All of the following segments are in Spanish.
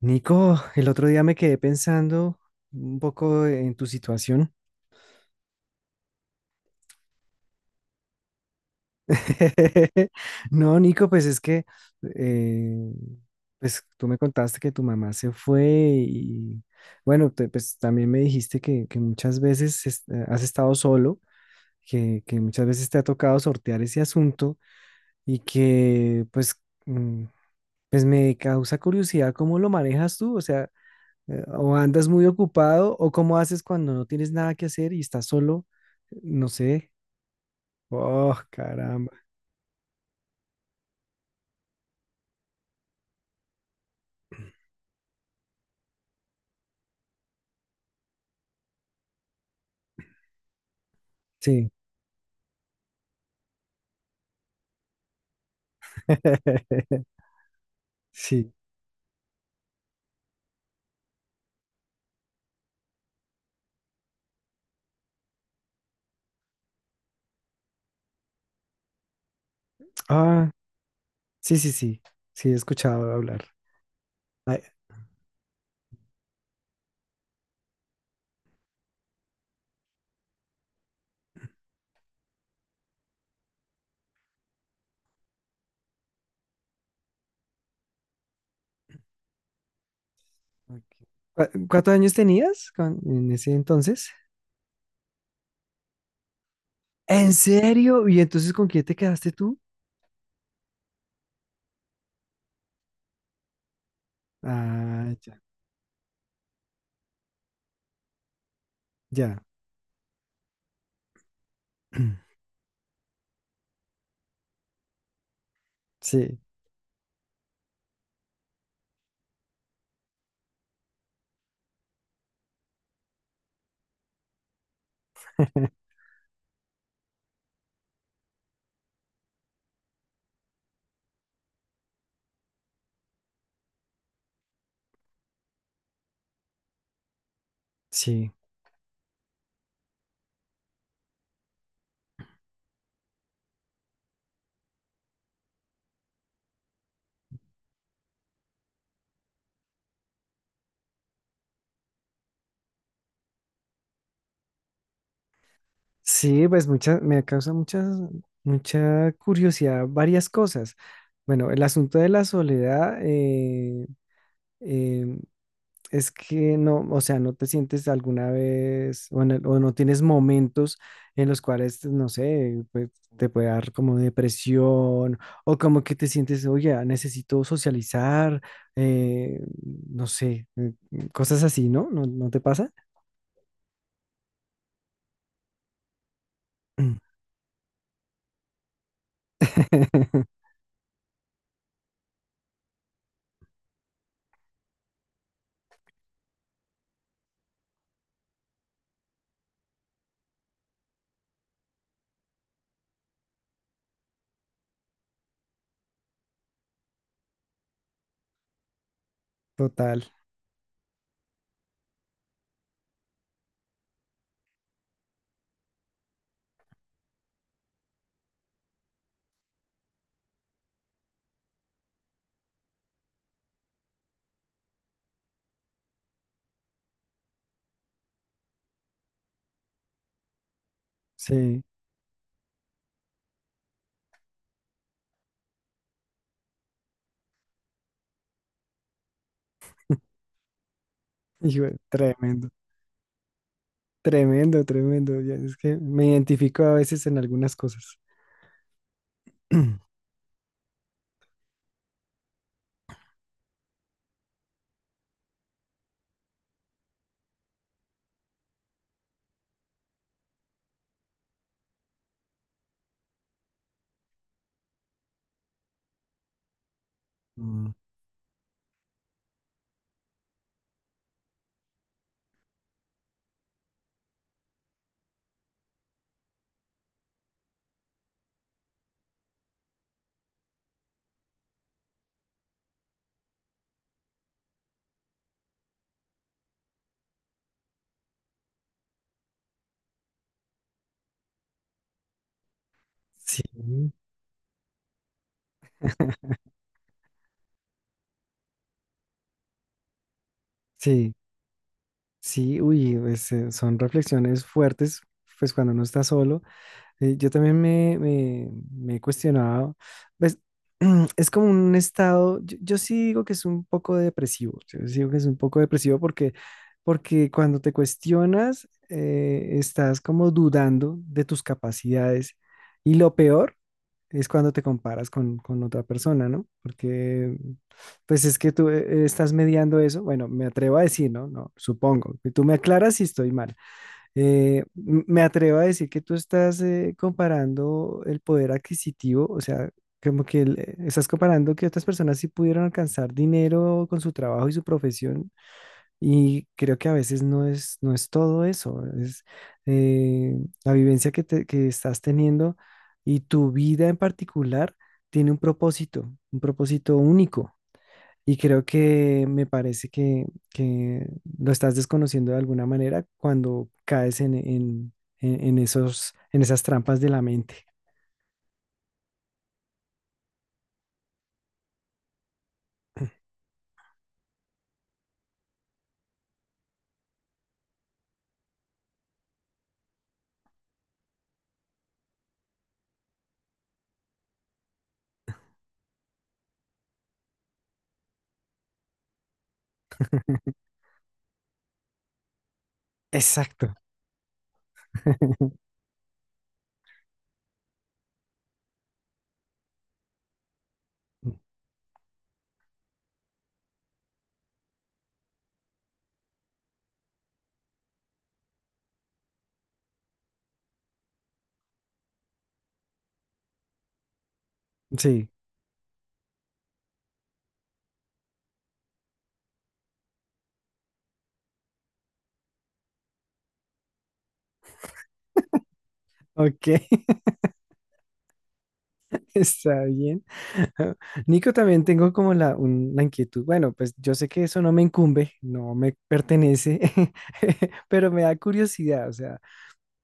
Nico, el otro día me quedé pensando un poco en tu situación. No, Nico, pues es que eh, pues tú me contaste que tu mamá se fue y bueno, pues también me dijiste que muchas veces has estado solo, que muchas veces te ha tocado sortear ese asunto y que pues, mm, pues me causa curiosidad cómo lo manejas tú, o sea... O andas muy ocupado, o cómo haces cuando no tienes nada que hacer y estás solo, no sé. Oh, caramba. Sí. Sí. Ah, sí, sí, sí. Sí, he escuchado hablar. Ay, ok. ¿Cuántos años tenías en ese entonces? ¿En serio? ¿Y entonces con quién te quedaste tú? Ah, ya, ya. Sí, sí. Sí, pues mucha, me causa muchas, mucha curiosidad varias cosas. Bueno, el asunto de la soledad eh, es que no, o sea, no te sientes alguna vez o, o no tienes momentos en los cuales, no sé, pues, te puede dar como depresión o como que te sientes, oye, ah, necesito socializar, eh, no sé, cosas así, ¿no? ¿No, no te pasa? Total, sí. Tremendo, tremendo, tremendo. Ya, es que me identifico a veces en algunas cosas. Mm, sí, sí, sí, uy, pues, son reflexiones fuertes, pues cuando uno está solo. Sí, yo también me he cuestionado, pues es como un estado, yo sí digo que es un poco depresivo, yo sí digo que es un poco depresivo porque, porque cuando te cuestionas, estás como dudando de tus capacidades y lo peor es cuando te comparas con otra persona, ¿no? Porque pues es que tú estás mediando eso, bueno, me atrevo a decir, ¿no? No, supongo, y tú me aclaras si estoy mal me atrevo a decir que tú estás comparando el poder adquisitivo, o sea, como que estás comparando que otras personas sí pudieron alcanzar dinero con su trabajo y su profesión, y creo que a veces no es, no es todo eso, es eh, la vivencia que, que estás teniendo y tu vida en particular tiene un propósito único. Y creo que me parece que lo estás desconociendo de alguna manera cuando caes en esos, en esas trampas de la mente. Exacto. Sí. Ok, está bien. Nico, también tengo como la inquietud. Bueno, pues yo sé que eso no me incumbe, no me pertenece, pero me da curiosidad. O sea,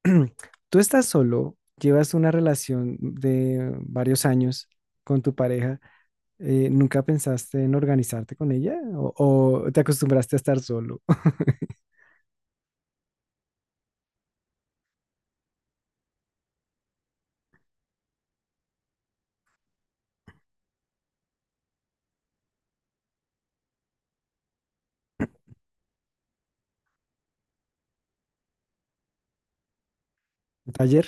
tú estás solo, llevas una relación de varios años con tu pareja. ¿Nunca pensaste en organizarte con ella? O te acostumbraste a estar solo? ¿Taller?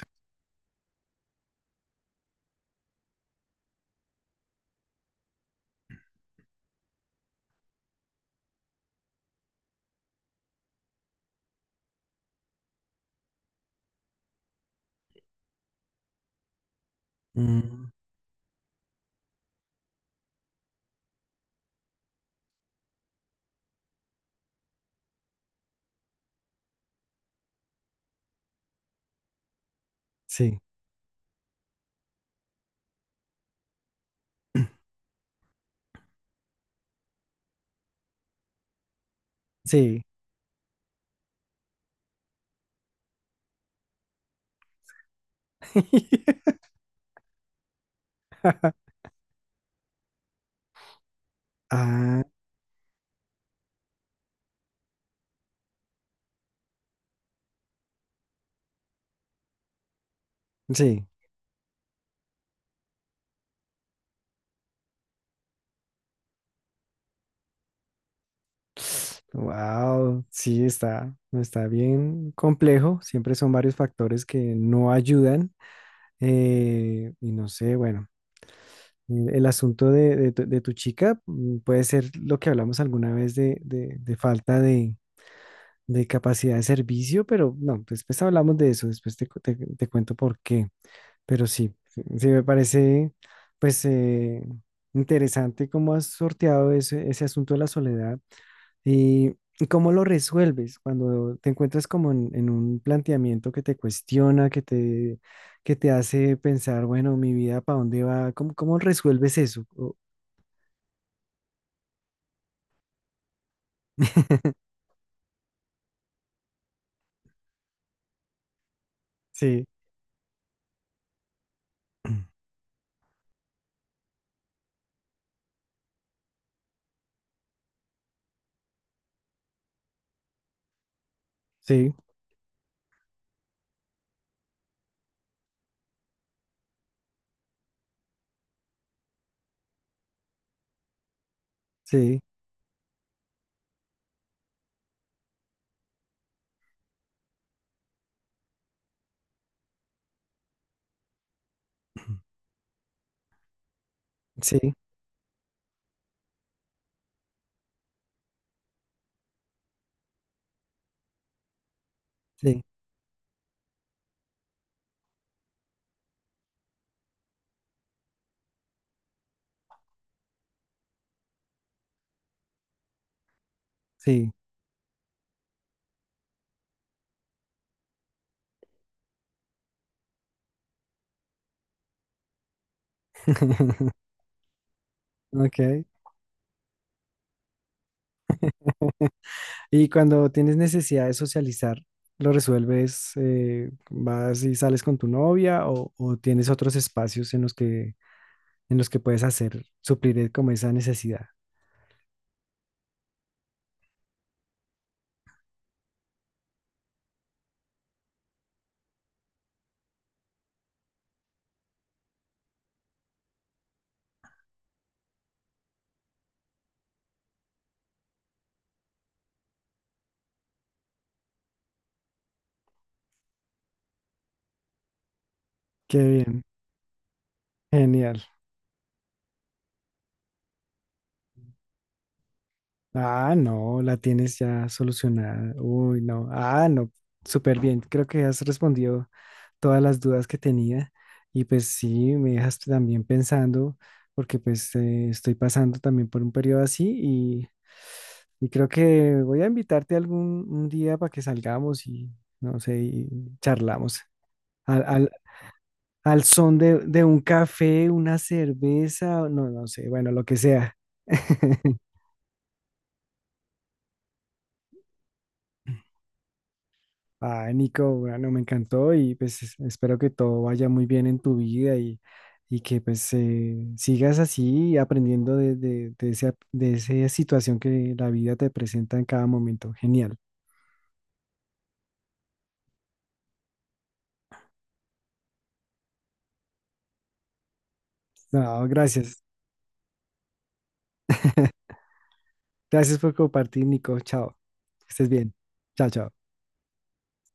Mm, sí, sí. Ah, sí. Wow, sí está, está bien complejo. Siempre son varios factores que no ayudan. Y no sé, bueno, el asunto de tu chica mm, puede ser lo que hablamos alguna vez de, de falta de capacidad de servicio, pero no, después hablamos de eso, después te cuento por qué. Pero sí, sí sí me parece pues interesante cómo has sorteado ese, ese asunto de la soledad y cómo lo resuelves cuando te encuentras como en un planteamiento que te cuestiona, que te hace pensar, bueno, mi vida, ¿para dónde va? ¿Cómo, cómo resuelves eso? Sí, sí, sí, sí, sí, sí. Ok. Y cuando tienes necesidad de socializar, ¿lo resuelves? ¿Vas y sales con tu novia o tienes otros espacios en los que puedes hacer, suplir como esa necesidad? Qué bien, genial. Ah, no, la tienes ya solucionada. Uy, no. Ah, no, súper bien. Creo que has respondido todas las dudas que tenía y pues sí, me dejas también pensando porque pues estoy pasando también por un periodo así y creo que voy a invitarte algún un día para que salgamos y no sé, y charlamos al, al, al son de un café, una cerveza, no, no sé, bueno, lo que sea. Ah, Nico, bueno, me encantó y pues espero que todo vaya muy bien en tu vida y que pues sigas así aprendiendo de esa situación que la vida te presenta en cada momento. Genial. No, gracias. Gracias por compartir, Nico. Chao. Que estés bien. Chao, chao.